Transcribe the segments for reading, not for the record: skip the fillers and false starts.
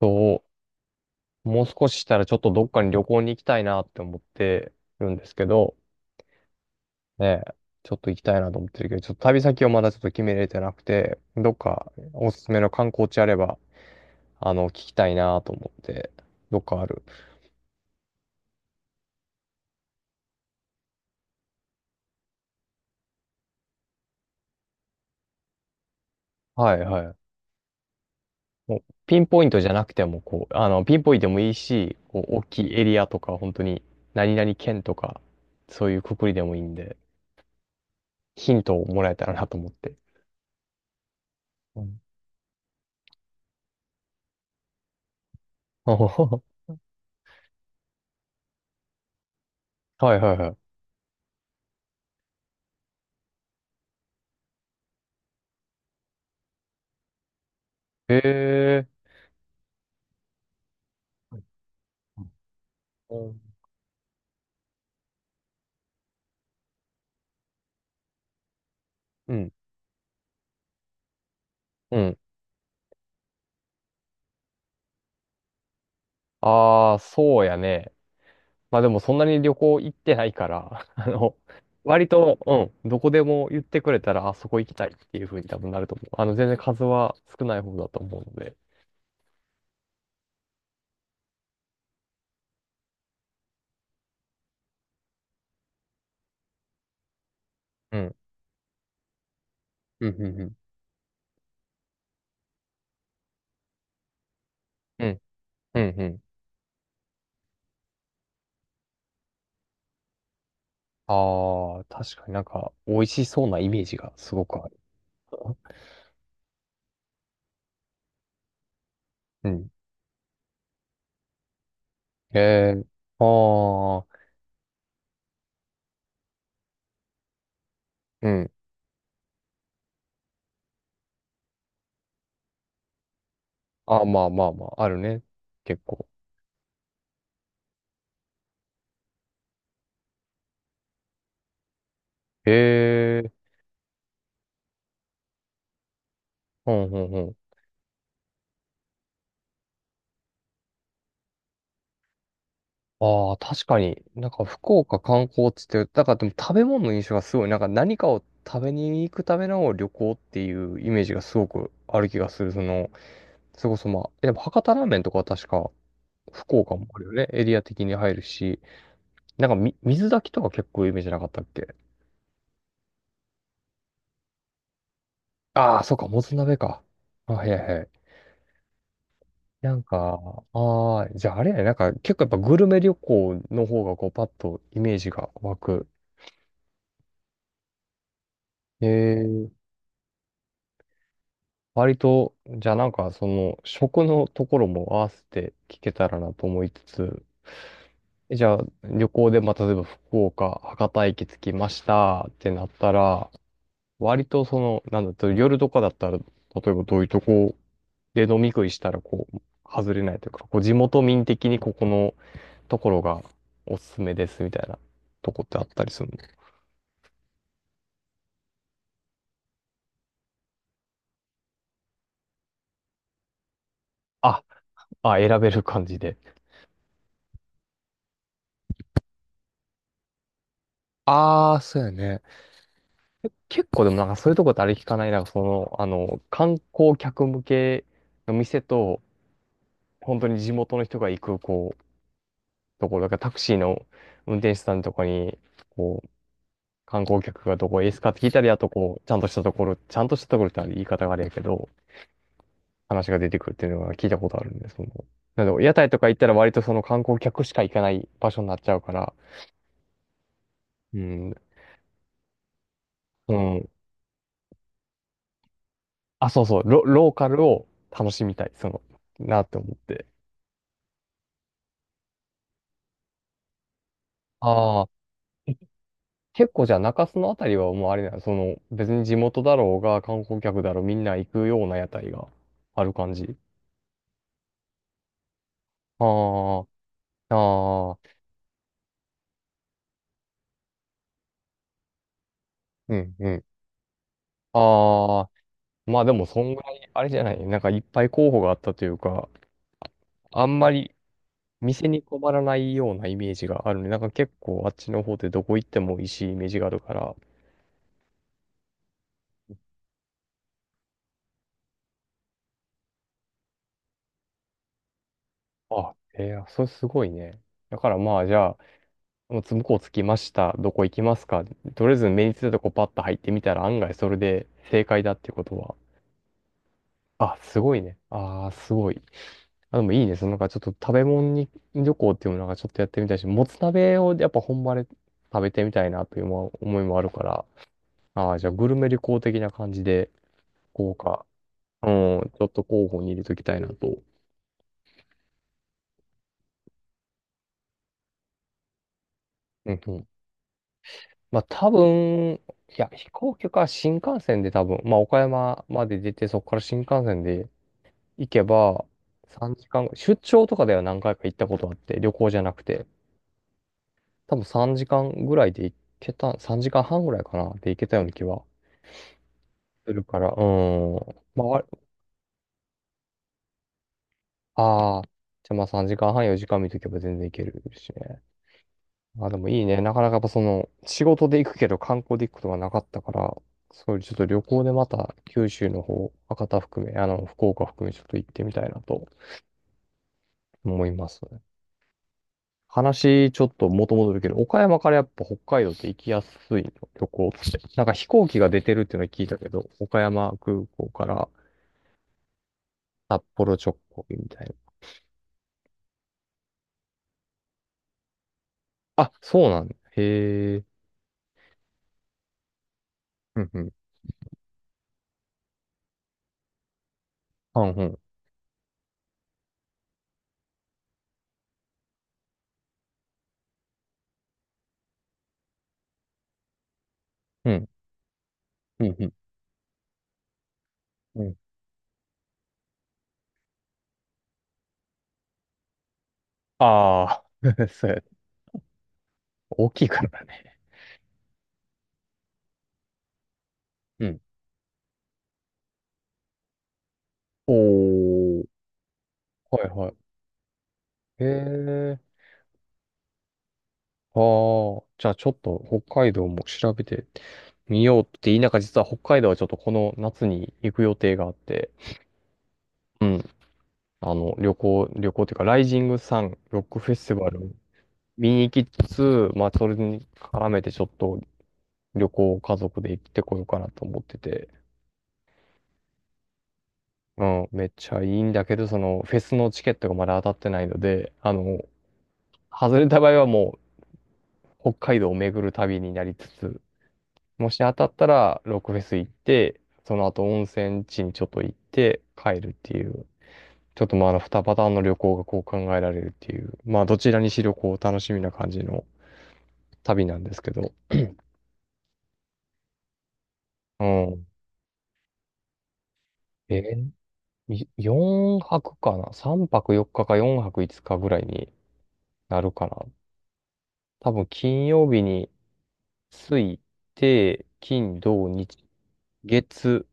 そう、もう少ししたらちょっとどっかに旅行に行きたいなって思ってるんですけど、ねえ、ちょっと行きたいなと思ってるけど、ちょっと旅先をまだちょっと決めれてなくて、どっかおすすめの観光地あれば、聞きたいなと思って、どっかある？はいはい。もうピンポイントじゃなくても、こう、ピンポイントでもいいし、こう、大きいエリアとか、本当に、何々県とか、そういうくくりでもいいんで、ヒントをもらえたらなと思って。うん。 はいはいはい。ええ。うん。うん。うん。ああ、そうやね。まあでもそんなに旅行行ってないから、割と、うん、どこでも言ってくれたら、あそこ行きたいっていう風に多分なると思う。全然数は少ない方だと思うので。うん。うん、うん、うん。うん、うん、うん。ああ、確かになんか、美味しそうなイメージがすごくある。うん。ええ。ああ、うん。あ、まあまあまあ、あるね。結構。ええ。うん、うん。ああ、確かに。なんか福岡観光地って、だからでも食べ物の印象がすごい、なんか何かを食べに行くための旅行っていうイメージがすごくある気がする。その、それこそまあ、やっぱ博多ラーメンとかは確か福岡もあるよね。エリア的に入るし、なんか、水炊きとか結構イメージなかったっけ？ああー、そうか、もつ鍋か。あ、はいはいはい。なんか、ああ、じゃああれやね、なんか結構やっぱグルメ旅行の方がこうパッとイメージが湧く。ええ。割と、じゃあなんかその食のところも合わせて聞けたらなと思いつつ、じゃあ旅行で、まあ、例えば福岡、博多駅着きましたってなったら、割とその、なんだと、夜とかだったら、例えばどういうとこで飲み食いしたらこう、外れないというか、こう地元民的にここのところがおすすめですみたいなとこってあったりするの？あ、あ、選べる感じで。ああ、そうやね。結構でもなんかそういうとこってあれ聞かない？なんかその、観光客向けの店と、本当に地元の人が行く、こう、ところ、だからタクシーの運転手さんとかに、こう、観光客がどこへですかって聞いたり、あとこう、ちゃんとしたところ、ちゃんとしたところってあれ言い方があれやけど、話が出てくるっていうのが聞いたことあるんで、その、なんで屋台とか行ったら割とその観光客しか行かない場所になっちゃうから、うん、うん。あ、そうそう、ローカルを楽しみたい、その、なって思って。ああ。結構じゃあ中洲のあたりはもうあれだよ。その別に地元だろうが観光客だろうみんな行くような屋台がある感じ。ああ、ああ、うんうん。ああ、まあでもそんぐらいあれじゃない。なんかいっぱい候補があったというか、あんまり店に困らないようなイメージがあるね。なんか結構あっちの方でどこ行っても美味しいイメージがあるから。あ、えー、それすごいね。だからまあじゃあ、もうつ向こう着きました。どこ行きますか？とりあえず目についたとこパッと入ってみたら案外それで正解だっていうことは。あ、すごいね。ああ、すごい。あ、でもいいね。そのなんかちょっと食べ物に旅行っていうのなんかちょっとやってみたいし、もつ鍋をやっぱ本場で食べてみたいなという思いもあるから。ああ、じゃあグルメ旅行的な感じで、こうか。うん、ちょっと候補に入れときたいなと。うんうん。まあ多分、いや、飛行機か新幹線で多分、まあ岡山まで出て、そこから新幹線で、行けば、3時間出張とかでは何回か行ったことあって、旅行じゃなくて、多分3時間ぐらいで行けた、3時間半ぐらいかな、で行けたような気はするから、うーん。まあ、ああー、じゃあまあ3時間半、4時間見とけば全然行けるしね。まあでもいいね。なかなかやっぱその、仕事で行くけど観光で行くことがなかったから、そういうちょっと旅行でまた九州の方、博多含め、福岡含めちょっと行ってみたいなと思います。話ちょっと元戻るけど、岡山からやっぱ北海道って行きやすいの、旅行って。なんか飛行機が出てるっていうのは聞いたけど、岡山空港から札幌直行みたいな。あ、そうなんだ。へえ。うんうん。あ、うんうん。うん。うんうん。ああ、そうや。大きいからね。うん。おー。はいはい。へえ。ああ。じゃあちょっと北海道も調べてみようって言いながら、実は北海道はちょっとこの夏に行く予定があって。うん。旅行というか、ライジングサン、ロックフェスティバル見に行きつつ、まあ、それに絡めてちょっと旅行を家族で行ってこようかなと思ってて、うん、めっちゃいいんだけど、その、フェスのチケットがまだ当たってないので、外れた場合はもう、北海道を巡る旅になりつつ、もし当たったら、ロックフェス行って、その後温泉地にちょっと行って帰るっていう、ちょっとまあ、2パターンの旅行がこう考えられるっていう、まあ、どちらにしろこう、楽しみな感じの、旅なんですけど。うん。え4泊かな ?3 泊4日か4泊5日ぐらいになるかな。多分金曜日に着いて、金、土、日、月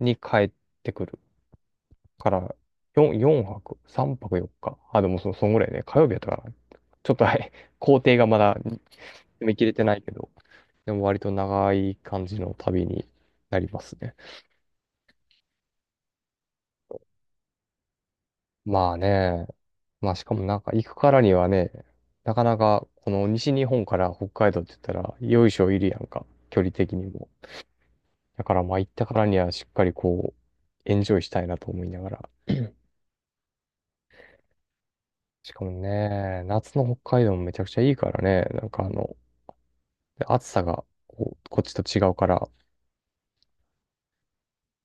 に帰ってくるから、4泊 ?3 泊4日。あ、でもそんぐらいね。火曜日やったから、ちょっとはい、工程がまだ見切れてないけど、でも割と長い感じの旅になりますね。まあね、まあしかもなんか行くからにはね、なかなかこの西日本から北海道って言ったら、よいしょいるやんか、距離的にも。だからまあ行ったからにはしっかりこう、エンジョイしたいなと思いながら。しかもね、夏の北海道もめちゃくちゃいいからね、なんかで暑さがこう、こっちと違うから、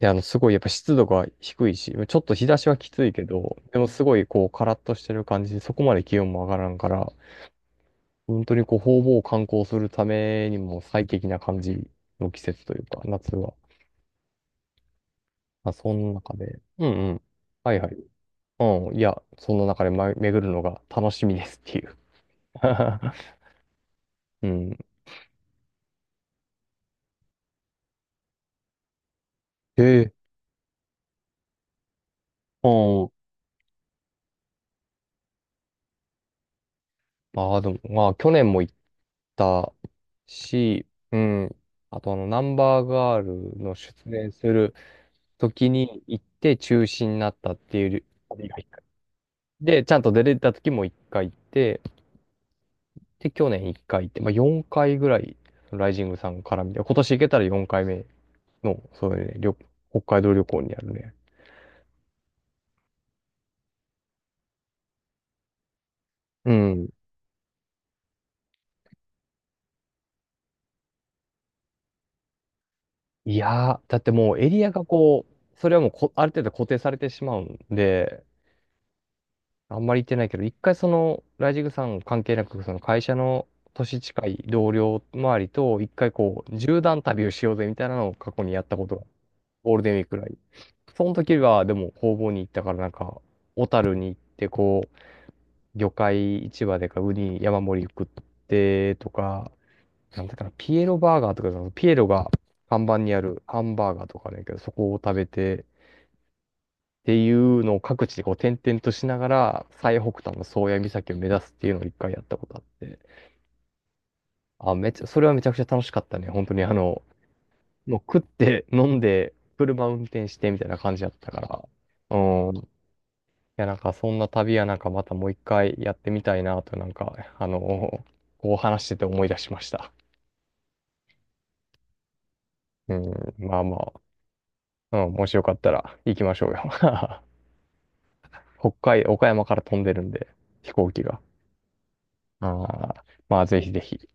で、すごいやっぱ湿度が低いし、ちょっと日差しはきついけど、でもすごいこう、カラッとしてる感じで、そこまで気温も上がらんから、本当にこう、方々を観光するためにも最適な感じの季節というか、夏は。まあ、その中で、うんうん。はいはい。うん、いや、その中で、ま、巡るのが楽しみですっていう。うん。ええ。うん。まあでも、まあ去年も行ったし、うん。あと、ナンバーガールの出演する時に行って中止になったっていう旅が一回。で、ちゃんと出れた時も一回行って、で、去年1回行って、まあ、4回ぐらい、ライジングさんから見て、今年行けたら4回目の、そういうね、旅、北海道旅行になるね。うん。いやー、だってもうエリアがこう、それはもうある程度固定されてしまうんで、あんまり行ってないけど、一回その、ライジングさん関係なく、その会社の年近い同僚周りと、一回こう、縦断旅をしようぜみたいなのを過去にやったことが、ゴールデンウィークくらい。その時は、でも、工房に行ったから、なんか、小樽に行って、こう、魚介市場でかウニ山盛り食ってとか、なんだかな、ピエロバーガーとか、そのピエロが看板にあるハンバーガーとかあるんやけど、そこを食べて、っていうのを各地でこう点々としながら、最北端の宗谷岬を目指すっていうのを一回やったことあって、あ、めっちゃ、それはめちゃくちゃ楽しかったね。本当にもう食って飲んで、車運転してみたいな感じだったから、うん。や、なんかそんな旅はなんかまたもう一回やってみたいなと、なんか、あの こう話してて思い出しました。うん、まあまあ、うん、もしよかったら行きましょうよ。岡山から飛んでるんで、飛行機が。ああまあ、ぜひぜひ。